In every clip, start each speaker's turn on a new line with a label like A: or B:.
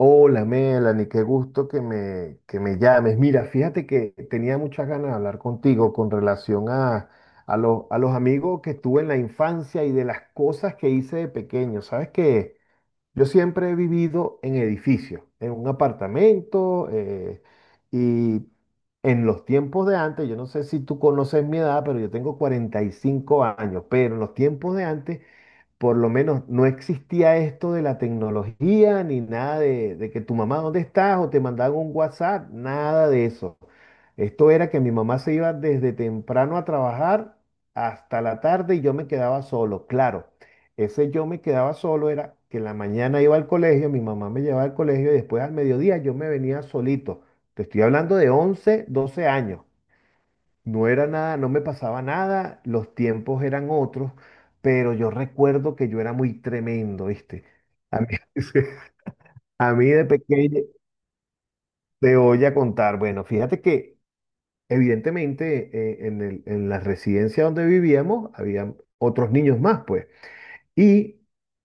A: Hola Melanie, qué gusto que me llames. Mira, fíjate que tenía muchas ganas de hablar contigo con relación a los amigos que tuve en la infancia y de las cosas que hice de pequeño. Sabes que yo siempre he vivido en edificios, en un apartamento, y en los tiempos de antes, yo no sé si tú conoces mi edad, pero yo tengo 45 años, pero en los tiempos de antes por lo menos no existía esto de la tecnología ni nada de que tu mamá, ¿dónde estás? O te mandaban un WhatsApp, nada de eso. Esto era que mi mamá se iba desde temprano a trabajar hasta la tarde y yo me quedaba solo. Claro, ese yo me quedaba solo era que en la mañana iba al colegio, mi mamá me llevaba al colegio y después al mediodía yo me venía solito. Te estoy hablando de 11 12 años. No era nada, no me pasaba nada, los tiempos eran otros, pero yo recuerdo que yo era muy tremendo, ¿viste? A mí, a mí de pequeño te voy a contar. Bueno, fíjate que evidentemente, en la residencia donde vivíamos había otros niños más, pues. Y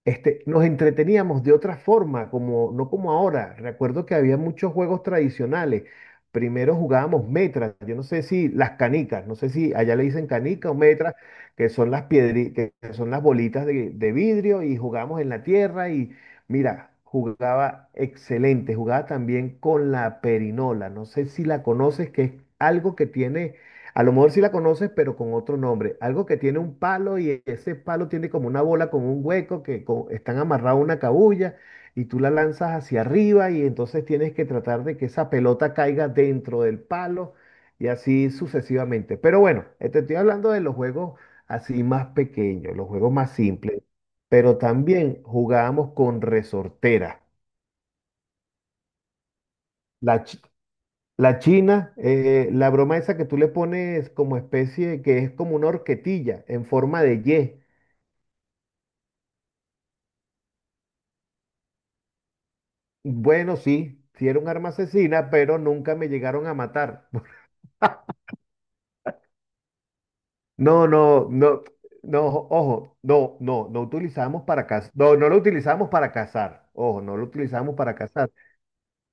A: nos entreteníamos de otra forma, como no como ahora. Recuerdo que había muchos juegos tradicionales. Primero jugábamos metras, yo no sé si las canicas, no sé si allá le dicen canica o metras, que son las bolitas de vidrio y jugábamos en la tierra y mira, jugaba excelente, jugaba también con la perinola, no sé si la conoces, que es algo que tiene, a lo mejor sí la conoces, pero con otro nombre. Algo que tiene un palo y ese palo tiene como una bola con un hueco que están amarrados a una cabulla y tú la lanzas hacia arriba y entonces tienes que tratar de que esa pelota caiga dentro del palo y así sucesivamente. Pero bueno, te estoy hablando de los juegos así más pequeños, los juegos más simples. Pero también jugábamos con resortera. La, chi- La china, la broma esa que tú le pones como especie, que es como una horquetilla en forma de Y. Bueno, sí, sí era un arma asesina, pero nunca me llegaron a matar. No, no, no, no, ojo, no, no, no utilizamos para cazar. No, no lo utilizamos para cazar. Ojo, no lo utilizamos para cazar,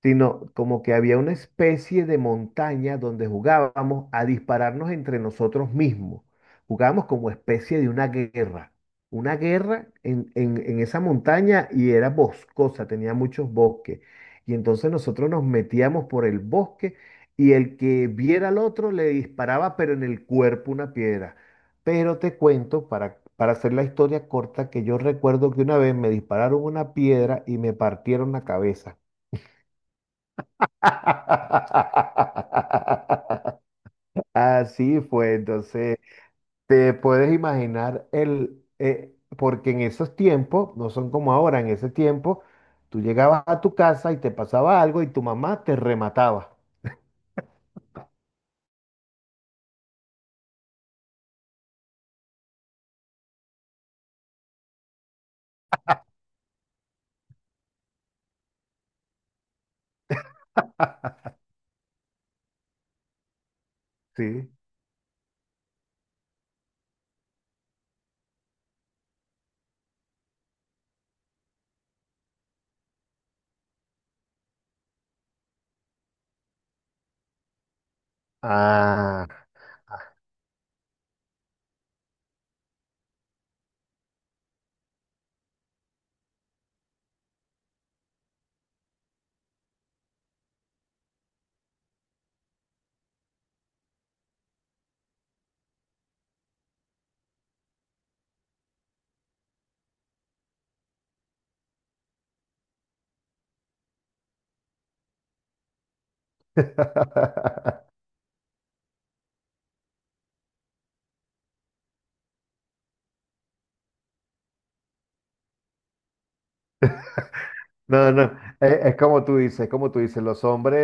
A: sino como que había una especie de montaña donde jugábamos a dispararnos entre nosotros mismos. Jugábamos como especie de una guerra en esa montaña y era boscosa, tenía muchos bosques. Y entonces nosotros nos metíamos por el bosque y el que viera al otro le disparaba, pero en el cuerpo una piedra. Pero te cuento, para hacer la historia corta, que yo recuerdo que una vez me dispararon una piedra y me partieron la cabeza. Así fue, entonces te puedes imaginar el, porque en esos tiempos, no son como ahora, en ese tiempo, tú llegabas a tu casa y te pasaba algo y tu mamá te remataba, ¿sí? Ah. No, no, es, como tú dices, es como tú dices, los hombres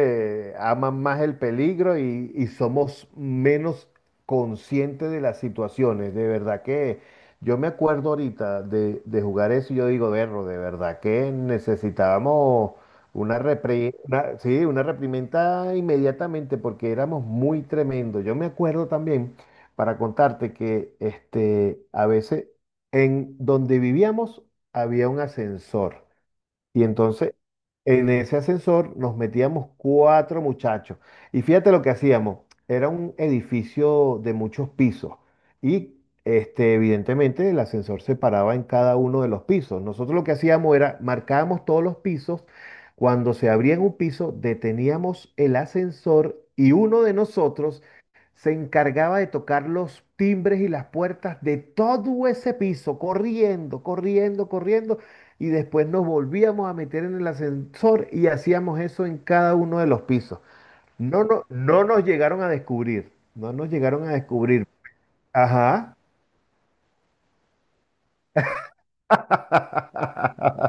A: eh, aman más el peligro y somos menos conscientes de las situaciones. De verdad que yo me acuerdo ahorita de jugar eso y yo digo, berro, de verdad que necesitábamos sí, una reprimenda inmediatamente porque éramos muy tremendos. Yo me acuerdo también, para contarte, que a veces en donde vivíamos había un ascensor. Y entonces, en ese ascensor nos metíamos cuatro muchachos. Y fíjate lo que hacíamos. Era un edificio de muchos pisos. Y evidentemente el ascensor se paraba en cada uno de los pisos. Nosotros lo que hacíamos era marcábamos todos los pisos. Cuando se abría en un piso, deteníamos el ascensor y uno de nosotros se encargaba de tocar los timbres y las puertas de todo ese piso, corriendo, corriendo, corriendo y después nos volvíamos a meter en el ascensor y hacíamos eso en cada uno de los pisos. No, no, no nos llegaron a descubrir, no nos llegaron a descubrir. Ajá.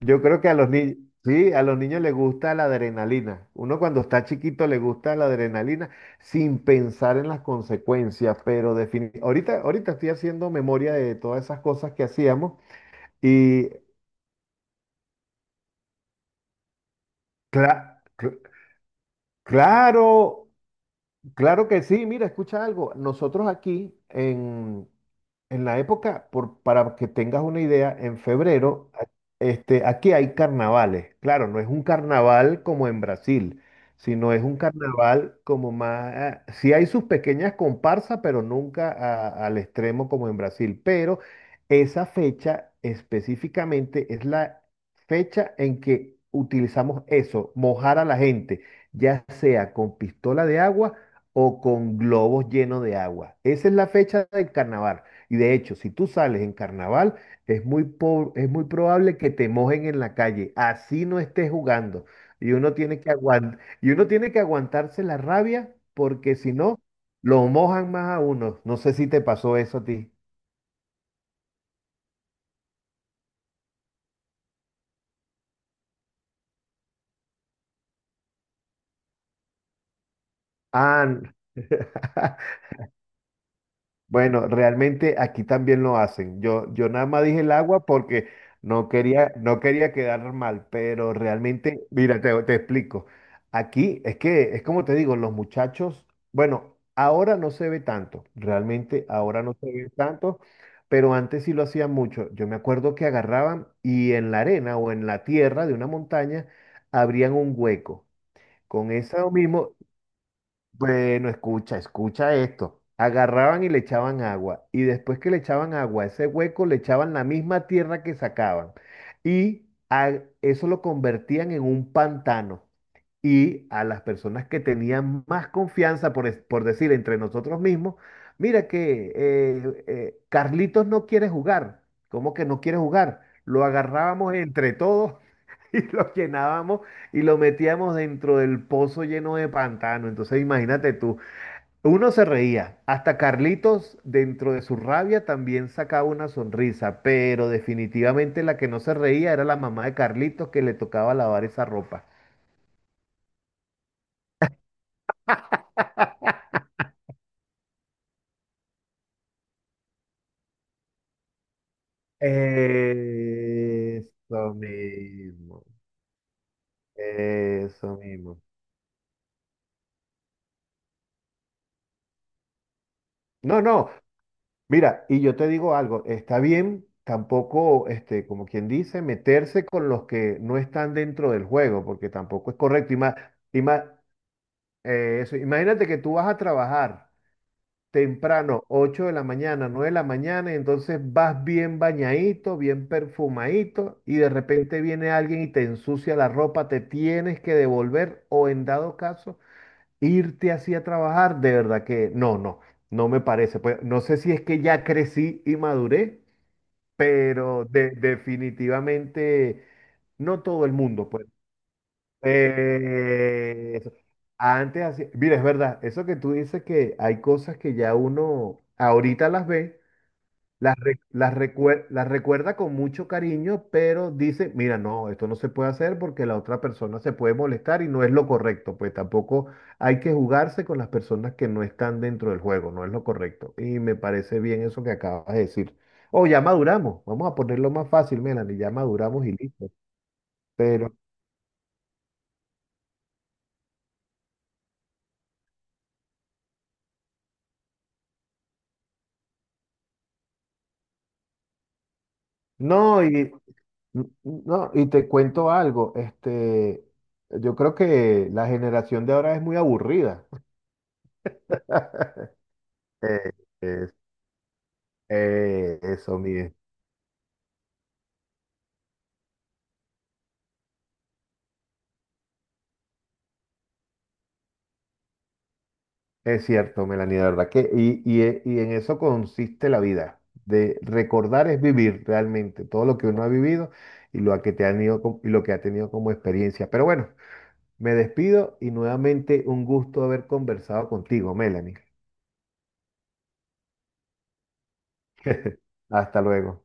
A: Yo creo que a los niños, sí, a los niños les gusta la adrenalina. Uno cuando está chiquito le gusta la adrenalina sin pensar en las consecuencias, ahorita, ahorita estoy haciendo memoria de todas esas cosas que hacíamos y cla- cl- claro, claro que sí, mira, escucha algo. Nosotros aquí en la época, por, para que tengas una idea, en febrero, aquí hay carnavales. Claro, no es un carnaval como en Brasil, sino es un carnaval como más, sí hay sus pequeñas comparsas, pero nunca al extremo como en Brasil. Pero esa fecha específicamente es la fecha en que utilizamos eso, mojar a la gente, ya sea con pistola de agua o con globos llenos de agua. Esa es la fecha del carnaval. Y de hecho, si tú sales en carnaval, es muy, es muy probable que te mojen en la calle, así no estés jugando. Y uno tiene que aguantarse la rabia porque si no, lo mojan más a uno. No sé si te pasó eso a ti. Ah. Bueno, realmente aquí también lo hacen. Yo nada más dije el agua porque no quería, no quería quedar mal, pero realmente, mira, te explico. Aquí es que, es como te digo, los muchachos, bueno, ahora no se ve tanto, realmente ahora no se ve tanto, pero antes sí lo hacían mucho. Yo me acuerdo que agarraban y en la arena o en la tierra de una montaña abrían un hueco. Con eso mismo Bueno, escucha, escucha esto. Agarraban y le echaban agua. Y después que le echaban agua a ese hueco, le echaban la misma tierra que sacaban. Y eso lo convertían en un pantano. Y a las personas que tenían más confianza, por, por decir entre nosotros mismos, mira que Carlitos no quiere jugar. ¿Cómo que no quiere jugar? Lo agarrábamos entre todos y lo llenábamos y lo metíamos dentro del pozo lleno de pantano. Entonces imagínate tú. Uno se reía, hasta Carlitos dentro de su rabia también sacaba una sonrisa, pero definitivamente la que no se reía era la mamá de Carlitos que le tocaba lavar esa ropa. Eso mismo, eso mismo. No, no, mira, y yo te digo algo, está bien tampoco, como quien dice, meterse con los que no están dentro del juego, porque tampoco es correcto. Y más, Imagínate que tú vas a trabajar temprano, 8 de la mañana, 9 de la mañana, y entonces vas bien bañadito, bien perfumadito, y de repente viene alguien y te ensucia la ropa, te tienes que devolver o en dado caso irte así a trabajar, de verdad que no, no, no me parece. Pues no sé si es que ya crecí y maduré, pero definitivamente no todo el mundo puede. Eso. Antes así, mira, es verdad, eso que tú dices que hay cosas que ya uno ahorita las ve, las recuerda con mucho cariño, pero dice, mira, no, esto no se puede hacer porque la otra persona se puede molestar y no es lo correcto, pues tampoco hay que jugarse con las personas que no están dentro del juego, no es lo correcto. Y me parece bien eso que acabas de decir. O ya maduramos, vamos a ponerlo más fácil, Melanie, ya maduramos y listo. Pero no, y te cuento algo, yo creo que la generación de ahora es muy aburrida. Eh, es- eh, eso, mire, Es cierto, Melanie, de verdad que, y en eso consiste la vida, de recordar es vivir realmente todo lo que uno ha vivido y lo que ha tenido como experiencia. Pero bueno, me despido y nuevamente un gusto haber conversado contigo, Melanie. Hasta luego.